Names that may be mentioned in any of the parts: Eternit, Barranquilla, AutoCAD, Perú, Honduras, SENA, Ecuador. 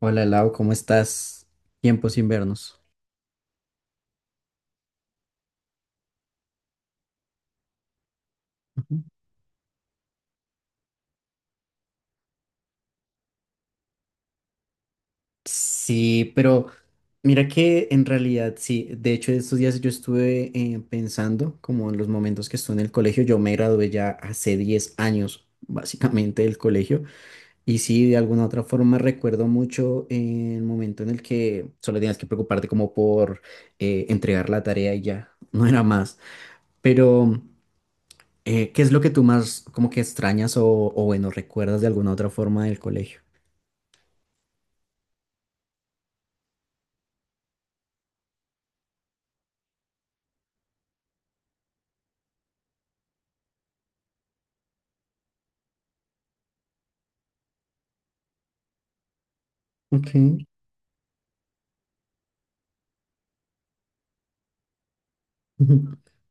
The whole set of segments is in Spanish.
Hola Lau, ¿cómo estás? Tiempo sin vernos. Ujú. Sí, pero mira que en realidad sí. De hecho, estos días yo estuve pensando como en los momentos que estuve en el colegio. Yo me gradué ya hace 10 años, básicamente, del colegio. Y sí, de alguna otra forma recuerdo mucho el momento en el que solo tenías que preocuparte como por entregar la tarea y ya, no era más. Pero. ¿Qué es lo que tú más como que extrañas o bueno, recuerdas de alguna otra forma del colegio? Ok.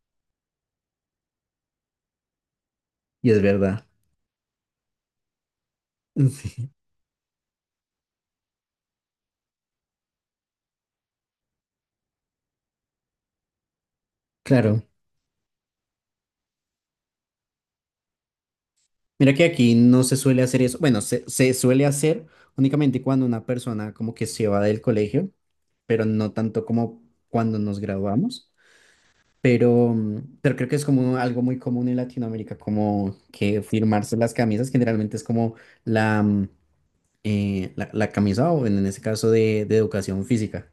Y es verdad. Sí, claro. Mira que aquí no se suele hacer eso. Bueno, se suele hacer únicamente cuando una persona como que se va del colegio, pero no tanto como cuando nos graduamos. Pero creo que es como algo muy común en Latinoamérica, como que firmarse las camisas. Generalmente es como la, mm, la camisa o en ese caso de educación física.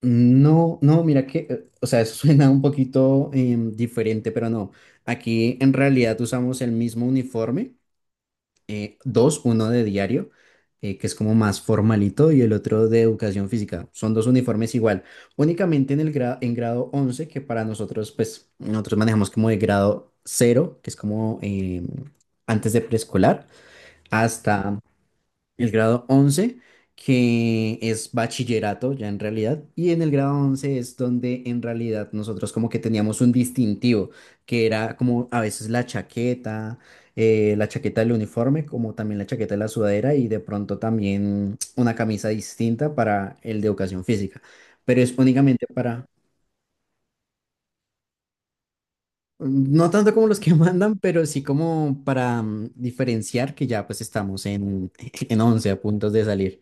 No, no, mira que, o sea, eso suena un poquito diferente, pero no. Aquí en realidad usamos el mismo uniforme, dos, uno de diario, que es como más formalito, y el otro de educación física. Son dos uniformes igual, únicamente en grado 11, que para nosotros, pues, nosotros manejamos como de grado cero, que es como antes de preescolar, hasta el grado 11, que es bachillerato ya en realidad, y en el grado 11 es donde en realidad nosotros como que teníamos un distintivo, que era como a veces la chaqueta del uniforme, como también la chaqueta de la sudadera y de pronto también una camisa distinta para el de educación física, pero es únicamente para. No tanto como los que mandan, pero sí como para diferenciar que ya pues estamos en, en 11 a puntos de salir.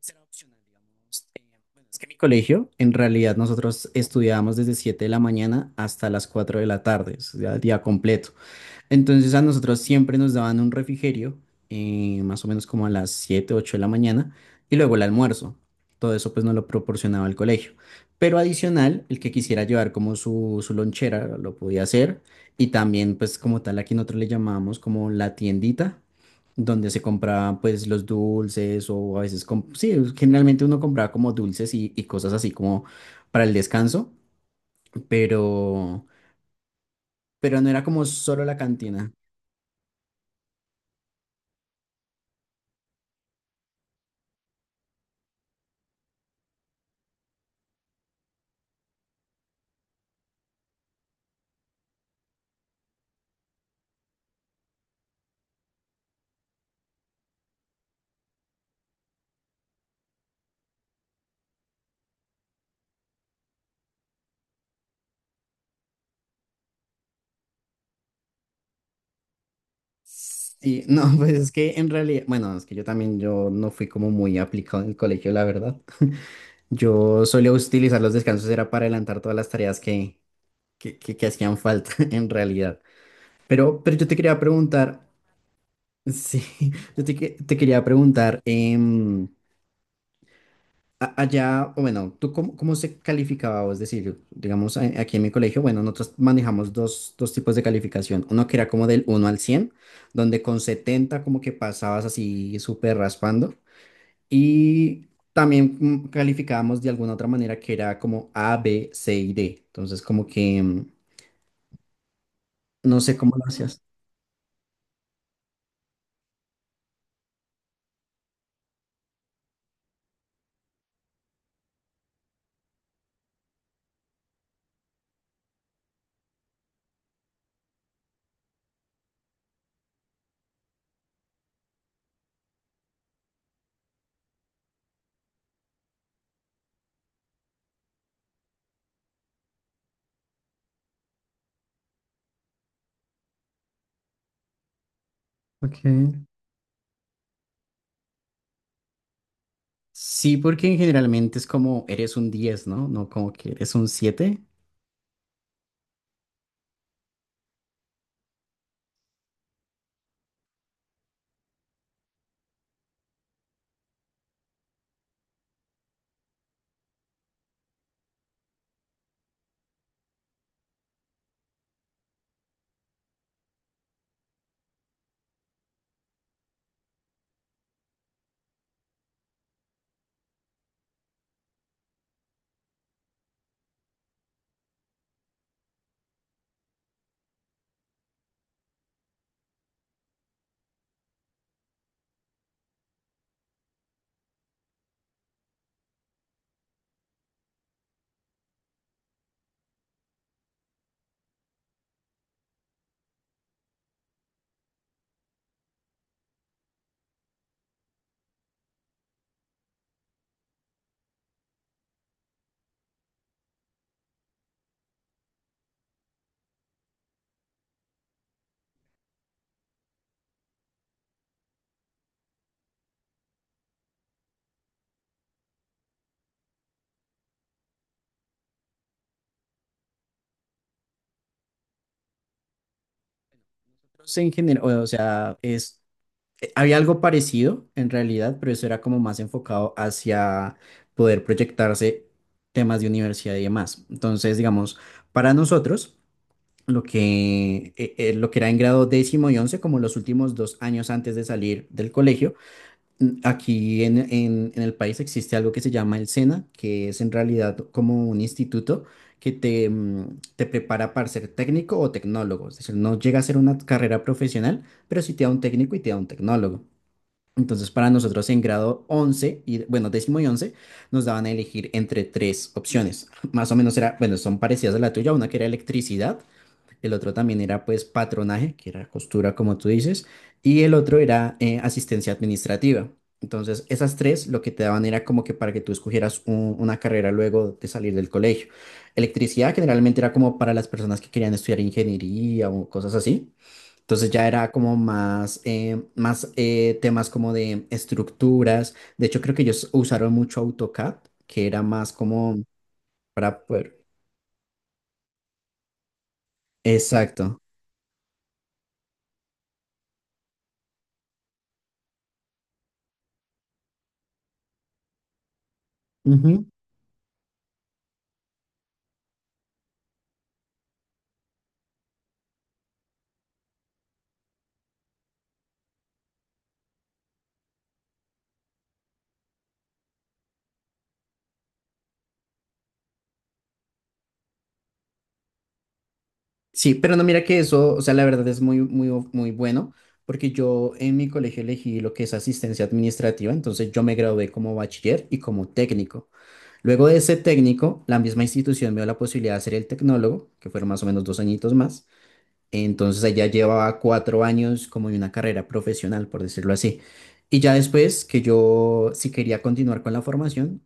Será opcional, digamos. Bueno, es que mi colegio, en realidad, nosotros estudiábamos desde 7 de la mañana hasta las 4 de la tarde, o sea, día completo. Entonces a nosotros siempre nos daban un refrigerio, más o menos como a las 7 8 de la mañana, y luego el almuerzo. Todo eso pues nos lo proporcionaba el colegio. Pero adicional, el que quisiera llevar como su lonchera lo podía hacer. Y también pues como tal aquí nosotros le llamábamos como la tiendita, donde se compraban pues los dulces o a veces, sí, generalmente uno compraba como dulces y cosas así como para el descanso, pero, pero no era como solo la cantina. Sí, no, pues es que en realidad, bueno, es que yo también, yo no fui como muy aplicado en el colegio, la verdad. Yo solía utilizar los descansos, era para adelantar todas las tareas que hacían falta en realidad. Pero yo te quería preguntar, sí, te quería preguntar, allá, o bueno, ¿tú cómo, se calificaba? O es decir, digamos, aquí en mi colegio, bueno, nosotros manejamos dos tipos de calificación. Uno que era como del 1 al 100, donde con 70 como que pasabas así súper raspando. Y también calificábamos de alguna otra manera, que era como A, B, C y D. Entonces, como que no sé cómo lo hacías. Ok. Sí, porque generalmente es como eres un 10, ¿no? No como que eres un 7. No sé, en general, o sea, es Había algo parecido en realidad, pero eso era como más enfocado hacia poder proyectarse temas de universidad y demás. Entonces, digamos, para nosotros, lo que era en grado 10.º y once, como los últimos 2 años antes de salir del colegio, aquí en el país existe algo que se llama el SENA, que es en realidad como un instituto que te prepara para ser técnico o tecnólogo. Es decir, no llega a ser una carrera profesional, pero sí te da un técnico y te da un tecnólogo. Entonces, para nosotros en grado 11 y, bueno, décimo y 11 nos daban a elegir entre tres opciones. Más o menos era, bueno, son parecidas a la tuya, una que era electricidad, el otro también era pues patronaje, que era costura, como tú dices, y el otro era asistencia administrativa. Entonces, esas tres lo que te daban era como que para que tú escogieras una carrera luego de salir del colegio. Electricidad generalmente era como para las personas que querían estudiar ingeniería o cosas así. Entonces ya era como más temas como de estructuras. De hecho, creo que ellos usaron mucho AutoCAD, que era más como para poder. Exacto. Ujú. Sí, pero no, mira que eso, o sea, la verdad es muy, muy, muy bueno, porque yo en mi colegio elegí lo que es asistencia administrativa, entonces yo me gradué como bachiller y como técnico. Luego de ese técnico, la misma institución me dio la posibilidad de hacer el tecnólogo, que fueron más o menos 2 añitos más. Entonces allá llevaba 4 años como de una carrera profesional, por decirlo así. Y ya después que yo, si quería continuar con la formación,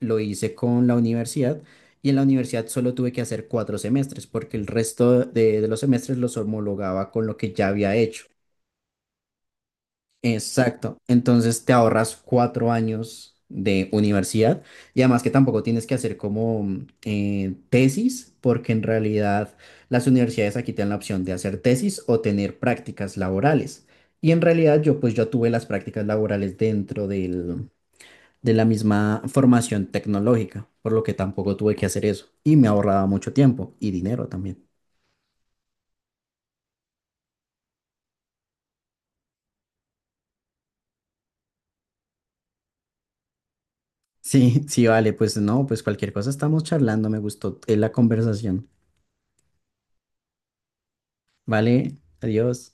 lo hice con la universidad, y en la universidad solo tuve que hacer 4 semestres porque el resto de los semestres los homologaba con lo que ya había hecho. Exacto. Entonces te ahorras 4 años de universidad, y además que tampoco tienes que hacer como tesis, porque en realidad las universidades aquí te dan la opción de hacer tesis o tener prácticas laborales. Y en realidad yo pues yo tuve las prácticas laborales dentro del, de la misma formación tecnológica, por lo que tampoco tuve que hacer eso, y me ahorraba mucho tiempo y dinero también. Sí, sí, vale, pues no, pues cualquier cosa estamos charlando, me gustó la conversación. Vale, adiós.